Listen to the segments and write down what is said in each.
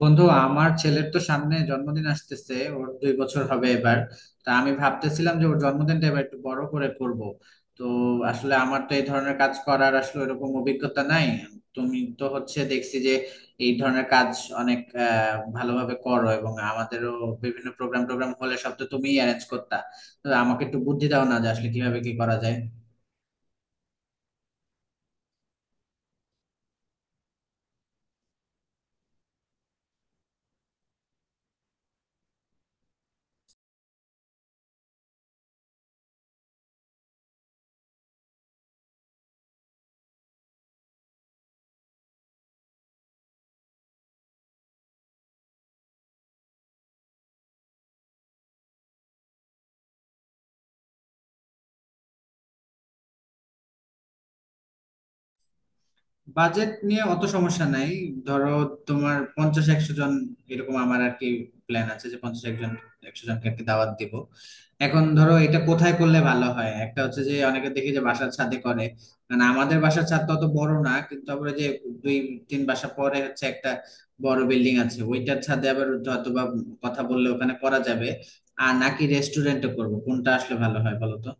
বন্ধু, আমার ছেলের তো সামনে জন্মদিন আসতেছে। ওর 2 বছর হবে এবার। তা আমি ভাবতেছিলাম যে ওর জন্মদিনটা এবার একটু বড় করে করব। তো আসলে আমার তো এই ধরনের কাজ করার আসলে এরকম অভিজ্ঞতা নাই। তুমি তো হচ্ছে দেখছি যে এই ধরনের কাজ অনেক ভালোভাবে করো, এবং আমাদেরও বিভিন্ন প্রোগ্রাম টোগ্রাম হলে সব তো তুমিই অ্যারেঞ্জ করতা। তো আমাকে একটু বুদ্ধি দাও না, যে আসলে কিভাবে কি করা যায়। বাজেট নিয়ে অত সমস্যা নাই। ধরো তোমার 50 100 জন, এরকম আমার আর কি প্ল্যান আছে, যে 50 একজন 100 জনকে আর কি দাওয়াত দিব। এখন ধরো এটা কোথায় করলে ভালো হয়? একটা হচ্ছে যে অনেকে দেখি যে বাসার ছাদে করে। মানে আমাদের বাসার ছাদ তো অত বড় না, কিন্তু তারপরে যে দুই তিন বাসা পরে হচ্ছে একটা বড় বিল্ডিং আছে, ওইটার ছাদে আবার হয়তো বা কথা বললে ওখানে করা যাবে। আর নাকি রেস্টুরেন্টে করবো? কোনটা আসলে ভালো হয় বলো তো?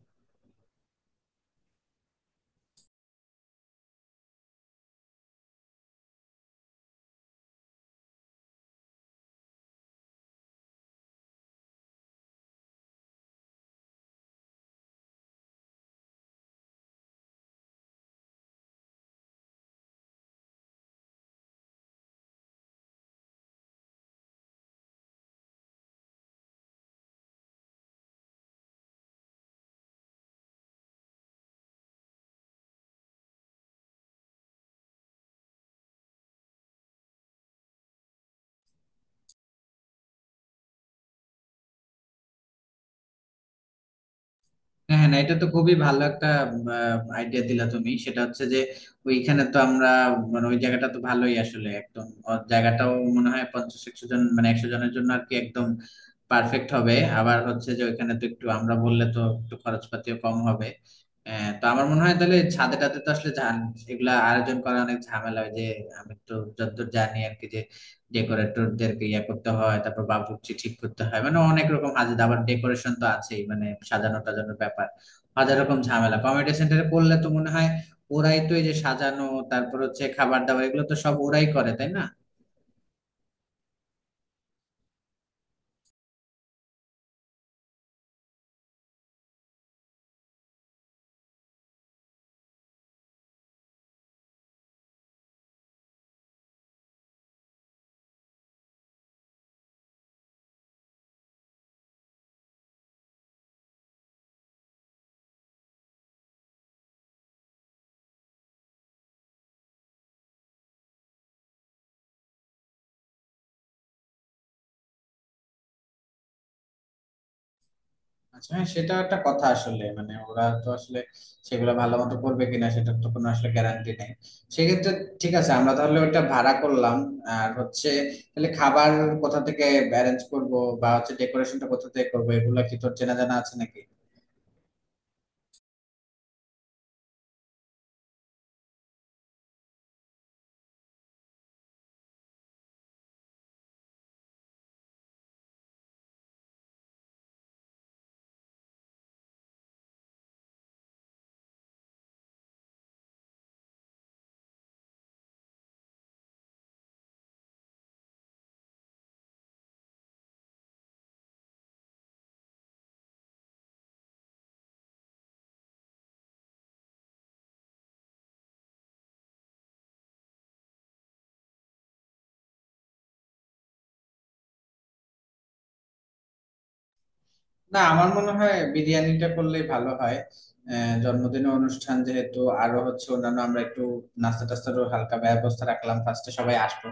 হ্যাঁ, হ্যাঁ, না, এটা তো খুবই ভালো একটা আইডিয়া দিলা তুমি। সেটা হচ্ছে যে ওইখানে তো আমরা, মানে ওই জায়গাটা তো ভালোই আসলে একদম জায়গাটাও মনে হয় 50 100 জন মানে 100 জনের জন্য আর কি একদম পারফেক্ট হবে। আবার হচ্ছে যে ওইখানে তো একটু আমরা বললে তো একটু খরচপাতিও কম হবে। তো আমার মনে হয় তাহলে ছাদে টাদে তো আসলে এগুলা আয়োজন করা অনেক ঝামেলা হয় যে, আমি তো যতদূর জানি আর কি, যে ডেকোরেটরদেরকে ইয়ে করতে হয়, তারপর বাবুর্চি ঠিক করতে হয়, মানে অনেক রকম হাজার আবার ডেকোরেশন তো আছেই, মানে সাজানো টাজানোর ব্যাপার হাজার রকম ঝামেলা। কমিউনিটি সেন্টারে করলে তো মনে হয় ওরাই তো এই যে সাজানো, তারপর হচ্ছে খাবার দাবার এগুলো তো সব ওরাই করে, তাই না? আচ্ছা, হ্যাঁ, সেটা একটা কথা আসলে। মানে ওরা তো আসলে সেগুলো ভালো মতো করবে কিনা সেটার তো কোনো আসলে গ্যারান্টি নেই। সেক্ষেত্রে ঠিক আছে, আমরা তাহলে ওটা ভাড়া করলাম। আর হচ্ছে, তাহলে খাবার কোথা থেকে অ্যারেঞ্জ করব, বা হচ্ছে ডেকোরেশনটা কোথা থেকে করবো, এগুলো কি তোর চেনা জানা আছে নাকি? না, আমার মনে হয় বিরিয়ানিটা করলেই ভালো হয়। জন্মদিনের অনুষ্ঠান যেহেতু, আরো হচ্ছে অন্যান্য আমরা একটু নাস্তা টাস্তারও হালকা ব্যবস্থা রাখলাম, ফার্স্টে সবাই আসবো।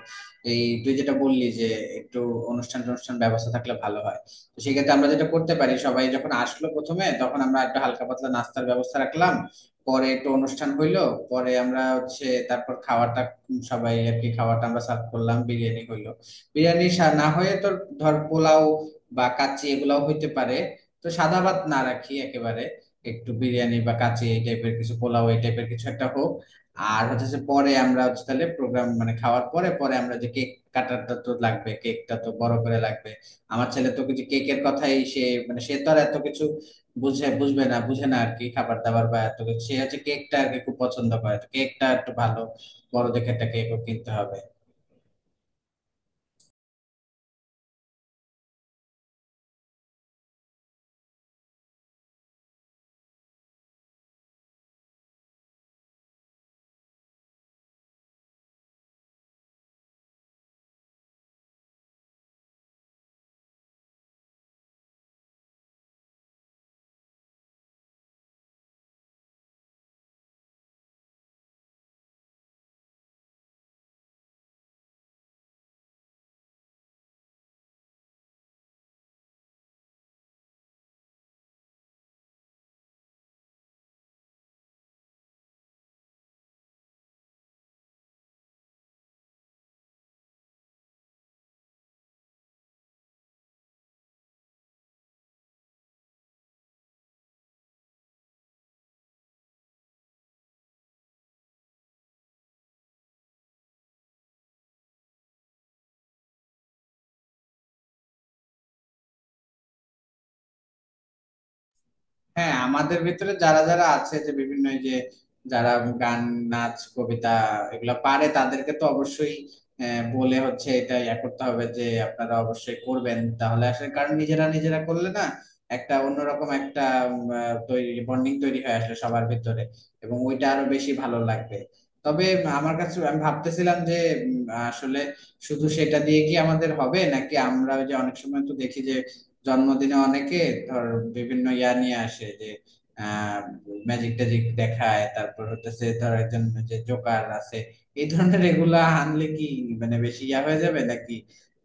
এই তুই যেটা বললি যে একটু অনুষ্ঠান অনুষ্ঠান ব্যবস্থা থাকলে ভালো হয়, তো সেক্ষেত্রে আমরা যেটা করতে পারি, সবাই যখন আসলো প্রথমে তখন আমরা একটা হালকা পাতলা নাস্তার ব্যবস্থা রাখলাম, পরে একটু অনুষ্ঠান হইলো, পরে আমরা হচ্ছে তারপর খাওয়াটা, সবাই আর কি খাওয়াটা আমরা সার্ভ করলাম, বিরিয়ানি হইলো। না হয়ে তোর ধর পোলাও বা কাচ্চি এগুলাও হইতে পারে। তো সাদা ভাত না রাখি একেবারে, একটু বিরিয়ানি বা কাচ্চি এই টাইপের কিছু, পোলাও এই টাইপের কিছু একটা হোক। আর হচ্ছে যে পরে আমরা হচ্ছে তাহলে প্রোগ্রাম মানে খাওয়ার পরে পরে আমরা যে কেক কাটারটা তো লাগবে, কেকটা তো বড় করে লাগবে। আমার ছেলে তো কিছু কেকের কথাই, সে মানে সে তো আর এত কিছু বুঝে বুঝবে না, বুঝে না আর কি খাবার দাবার বা এত কিছু, সে হচ্ছে কেকটা আর কি খুব পছন্দ করে, তো কেকটা একটু ভালো বড় দেখে একটা কেকও কিনতে হবে। হ্যাঁ, আমাদের ভিতরে যারা যারা আছে, যে বিভিন্ন এই যে যারা গান, নাচ, কবিতা এগুলা পারে তাদেরকে তো অবশ্যই বলে হচ্ছে এটা ইয়া করতে হবে, যে আপনারা অবশ্যই করবেন, তাহলে আসলে কারণ নিজেরা নিজেরা করলে না একটা অন্যরকম একটা তৈরি বন্ডিং তৈরি হয়ে আসলে সবার ভিতরে, এবং ওইটা আরো বেশি ভালো লাগবে। তবে আমার কাছে আমি ভাবতেছিলাম যে উম, আসলে শুধু সেটা দিয়ে কি আমাদের হবে, নাকি আমরা ওই যে অনেক সময় তো দেখি যে জন্মদিনে অনেকে ধর বিভিন্ন ইয়া নিয়ে আসে, যে ম্যাজিক ট্যাজিক দেখায়, তারপর হচ্ছে ধর একজন যে জোকার আছে, এই ধরনের এগুলা আনলে কি মানে বেশি ইয়া হয়ে যাবে নাকি?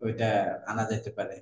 ওইটা আনা যেতে পারে।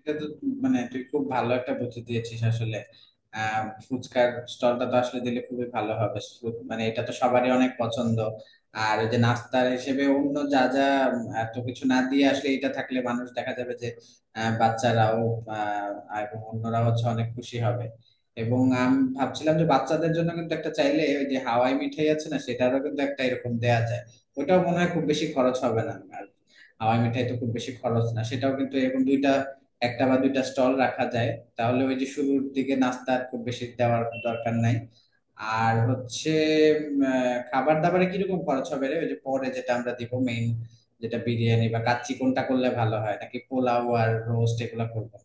এটা তো মানে তুই খুব ভালো একটা বুদ্ধি দিয়েছিস আসলে। ফুচকার স্টলটা তো আসলে দিলে খুবই ভালো হবে, মানে এটা তো সবারই অনেক পছন্দ। আর ওই যে নাস্তার হিসেবে অন্য যা যা, এত কিছু না দিয়ে আসলে এটা থাকলে মানুষ দেখা যাবে যে বাচ্চারাও এবং অন্যরাও হচ্ছে অনেক খুশি হবে। এবং আমি ভাবছিলাম যে বাচ্চাদের জন্য কিন্তু একটা চাইলে ওই যে হাওয়াই মিঠাই আছে না, সেটারও কিন্তু একটা এরকম দেয়া যায়। ওটাও মনে হয় খুব বেশি খরচ হবে না, আর হাওয়াই মিঠাই তো খুব বেশি খরচ না, সেটাও কিন্তু এরকম দুইটা, একটা বা দুইটা স্টল রাখা যায়। তাহলে ওই যে শুরুর দিকে নাস্তা আর খুব বেশি দেওয়ার দরকার নাই। আর হচ্ছে খাবার দাবারে কিরকম খরচ হবে রে? ওই যে পরে যেটা আমরা দিব মেইন, যেটা বিরিয়ানি বা কাচ্চি কোনটা করলে ভালো হয়, নাকি পোলাও আর রোস্ট এগুলো করবো?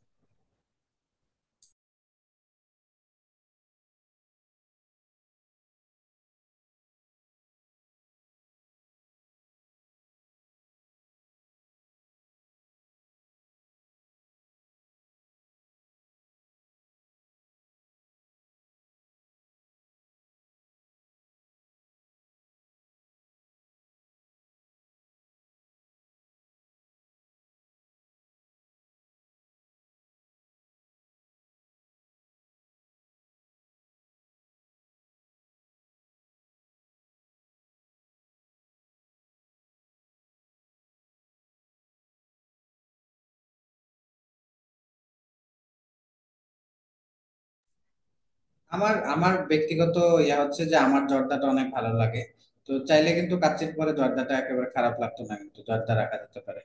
আমার আমার ব্যক্তিগত ইয়া হচ্ছে যে আমার জর্দাটা অনেক ভালো লাগে, তো চাইলে কিন্তু কাচ্চির পরে জর্দাটা একেবারে খারাপ লাগতো না, কিন্তু জর্দা রাখা যেতে পারে।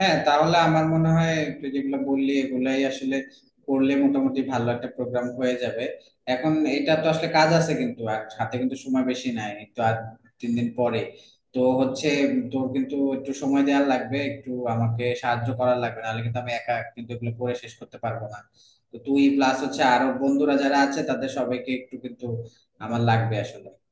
হ্যাঁ, তাহলে আমার মনে হয় তুই যেগুলো বললি এগুলাই আসলে করলে মোটামুটি ভালো একটা প্রোগ্রাম হয়ে যাবে। এখন এটা তো আসলে কাজ আছে কিন্তু, আর হাতে কিন্তু সময় বেশি নাই, এই তো আর 3 দিন পরে। তো হচ্ছে তোর কিন্তু একটু সময় দেওয়া লাগবে, একটু আমাকে সাহায্য করার লাগবে, নাহলে কিন্তু আমি একা কিন্তু এগুলো করে শেষ করতে পারবো না। তো তুই প্লাস হচ্ছে আরো বন্ধুরা যারা আছে, তাদের সবাইকে একটু কিন্তু আমার লাগবে আসলে।